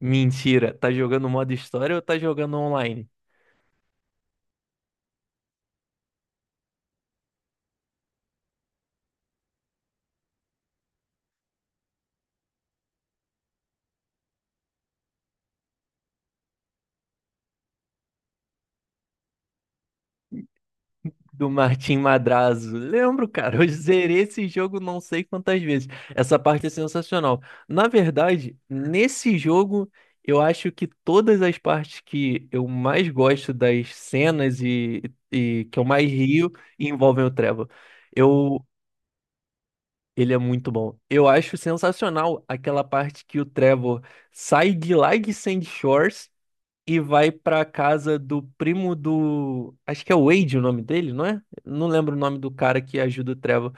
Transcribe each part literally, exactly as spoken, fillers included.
Mentira, tá jogando modo história ou tá jogando online? Do Martim Madrazo. Lembro, cara, eu zerei esse jogo não sei quantas vezes. Essa parte é sensacional. Na verdade, nesse jogo, eu acho que todas as partes que eu mais gosto das cenas e, e que eu mais rio envolvem o Trevor. Eu, Ele é muito bom. Eu acho sensacional aquela parte que o Trevor sai de lá de Sandy Shores e vai pra casa do primo do. Acho que é Wade o nome dele, não é? Não lembro o nome do cara que ajuda o Trevor.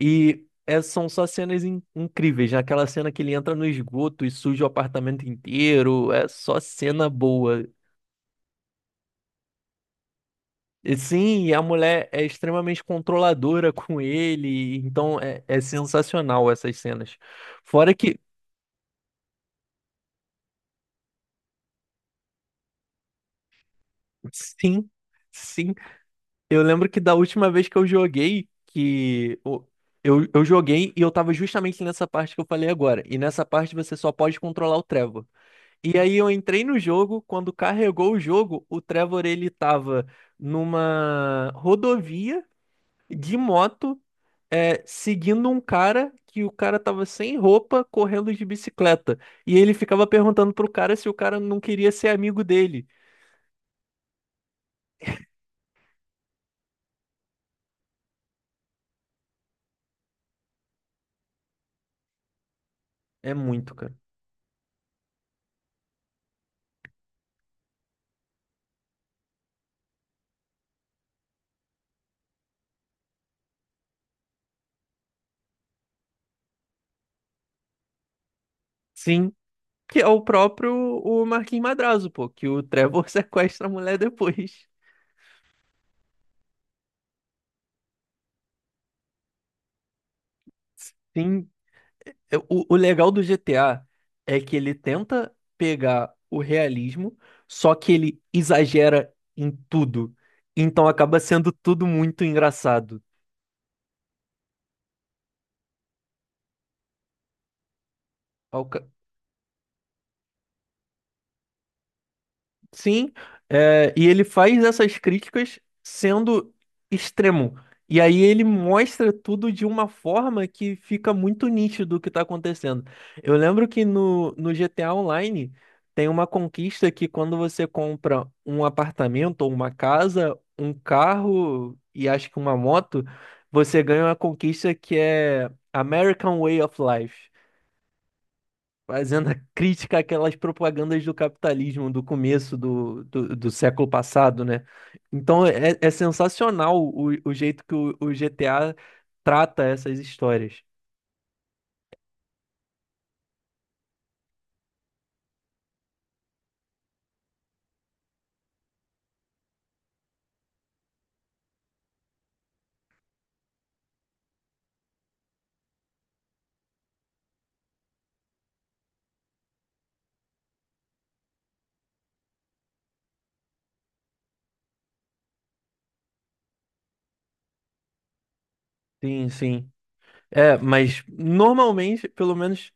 E é- são só cenas in- incríveis. Né? Aquela cena que ele entra no esgoto e suja o apartamento inteiro. É só cena boa. E sim, e a mulher é extremamente controladora com ele. Então é, é sensacional essas cenas. Fora que. Sim. Sim. Eu lembro que da última vez que eu joguei, que o- eu, eu joguei e eu tava justamente nessa parte que eu falei agora. E nessa parte você só pode controlar o Trevor. E aí eu entrei no jogo, quando carregou o jogo, o Trevor ele tava numa rodovia de moto, é, seguindo um cara que o cara tava sem roupa, correndo de bicicleta. E ele ficava perguntando pro cara se o cara não queria ser amigo dele. É muito, cara. Sim, Que é o próprio o Marquinhos Madrazo, pô, que o Trevor sequestra a mulher depois. Sim. Eu- O, o legal do G T A é que ele tenta pegar o realismo, só que ele exagera em tudo. Então acaba sendo tudo muito engraçado. Ao ca- Sim, é, e ele faz essas críticas sendo extremo. E aí ele mostra tudo de uma forma que fica muito nítido o que está acontecendo. Eu lembro que no, no G T A Online tem uma conquista que quando você compra um apartamento ou uma casa, um carro e acho que uma moto, você ganha uma conquista que é American Way of Life, fazendo a crítica àquelas propagandas do capitalismo do começo do, do, do século passado, né? Então é, é é sensacional o, o jeito que o, o G T A trata essas histórias. Sim, sim. É, mas normalmente, pelo menos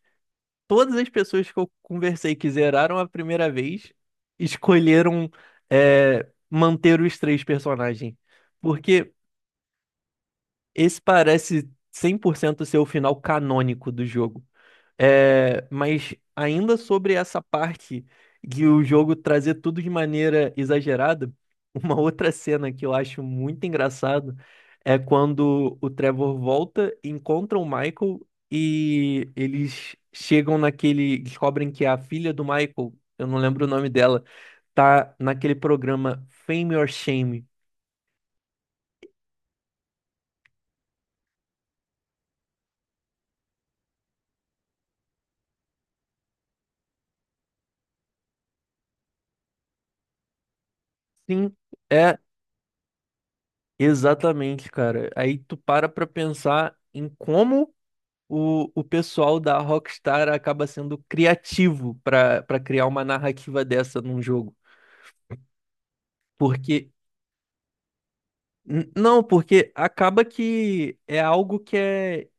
todas as pessoas que eu conversei que zeraram a primeira vez escolheram é, manter os três personagens. Porque esse parece cem por cento ser o final canônico do jogo. É, mas ainda sobre essa parte de o jogo trazer tudo de maneira exagerada, uma outra cena que eu acho muito engraçado é quando o Trevor volta, encontra o Michael e eles chegam naquele, descobrem que é a filha do Michael, eu não lembro o nome dela, tá naquele programa Fame or Shame. Sim, é exatamente, cara. Aí tu para pra pensar em como o, o pessoal da Rockstar acaba sendo criativo pra para criar uma narrativa dessa num jogo. Porque, n- não, porque acaba que é algo que é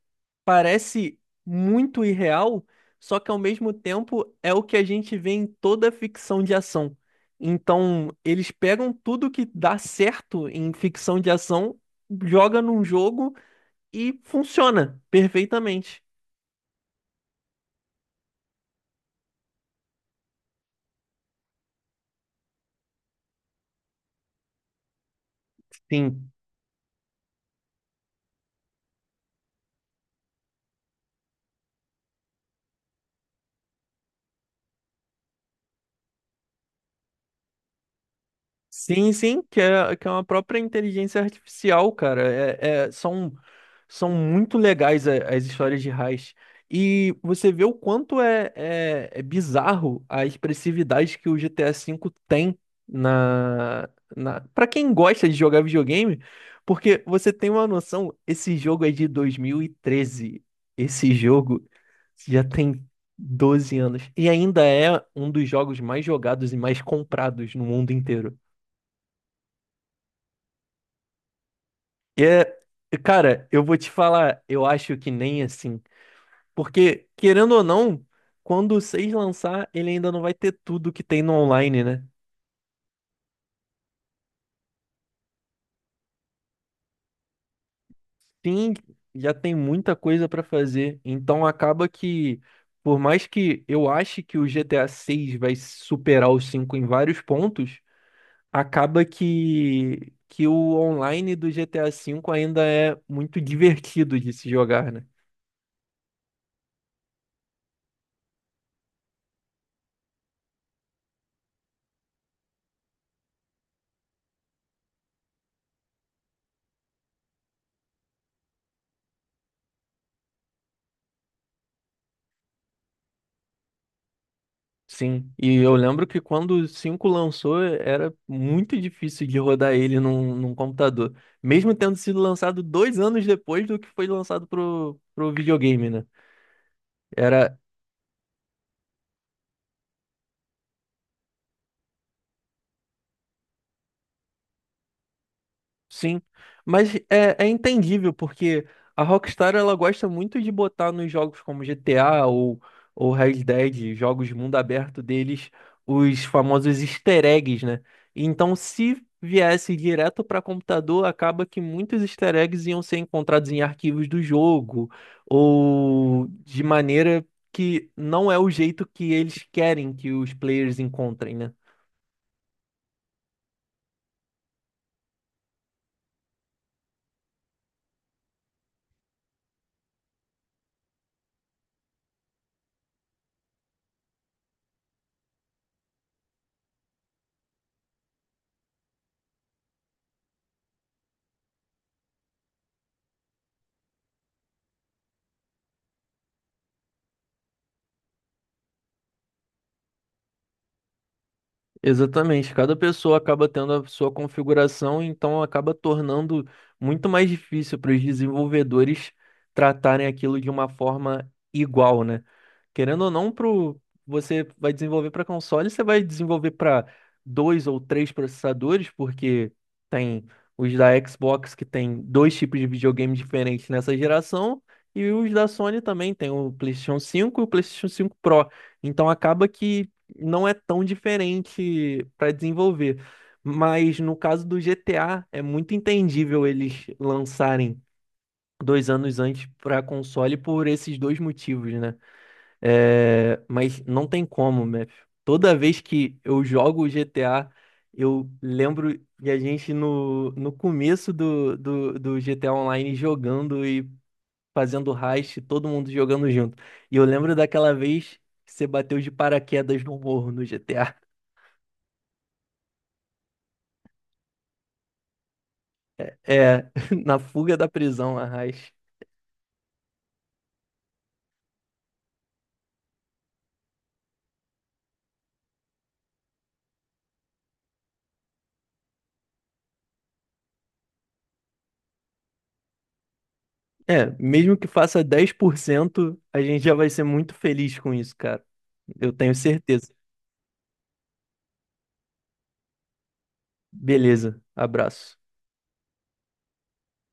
parece muito irreal, só que ao mesmo tempo é o que a gente vê em toda ficção de ação. Então, eles pegam tudo que dá certo em ficção de ação, joga num jogo e funciona perfeitamente. Sim. Sim, sim, que é, que é uma própria inteligência artificial, cara. É, é- são, são muito legais a- as histórias de Heist. E você vê o quanto é, é, é bizarro a expressividade que o G T A V tem. na, na... Para quem gosta de jogar videogame, porque você tem uma noção, esse jogo é de dois mil e treze. Esse jogo já tem doze anos. E ainda é um dos jogos mais jogados e mais comprados no mundo inteiro. É, cara, eu vou te falar, eu acho que nem assim. Porque, querendo ou não, quando o seis lançar, ele ainda não vai ter tudo que tem no online, né? Sim, já tem muita coisa pra fazer. Então acaba que, por mais que eu ache que o G T A seis vai superar o cinco em vários pontos, acaba que, que o online do G T A cinco ainda é muito divertido de se jogar, né? Sim, e eu lembro que quando o Cinco lançou, era muito difícil de rodar ele num, num computador. Mesmo tendo sido lançado dois anos depois do que foi lançado pro, pro videogame, né? Era, Sim, mas é, é entendível porque a Rockstar ela gosta muito de botar nos jogos como G T A ou, ou Red Dead, jogos de mundo aberto deles, os famosos easter eggs, né? Então, se viesse direto para computador, acaba que muitos easter eggs iam ser encontrados em arquivos do jogo ou de maneira que não é o jeito que eles querem que os players encontrem, né? Exatamente, cada pessoa acaba tendo a sua configuração, então acaba tornando muito mais difícil para os desenvolvedores tratarem aquilo de uma forma igual, né? Querendo ou não, pro... você vai desenvolver para console, você vai desenvolver para dois ou três processadores, porque tem os da Xbox que tem dois tipos de videogame diferentes nessa geração, e os da Sony também, tem o PlayStation cinco e o PlayStation cinco Pro. Então acaba que não é tão diferente para desenvolver. Mas no caso do G T A, é muito entendível eles lançarem dois anos antes para console por esses dois motivos, né? É, mas não tem como, Mef. Toda vez que eu jogo o G T A, eu lembro de a gente no, no começo do, do, do G T A Online jogando e fazendo heist, todo mundo jogando junto. E eu lembro daquela vez que você bateu de paraquedas no morro no G T A. É, na fuga da prisão, Arras. É, mesmo que faça dez por cento, a gente já vai ser muito feliz com isso, cara. Eu tenho certeza. Beleza, abraço.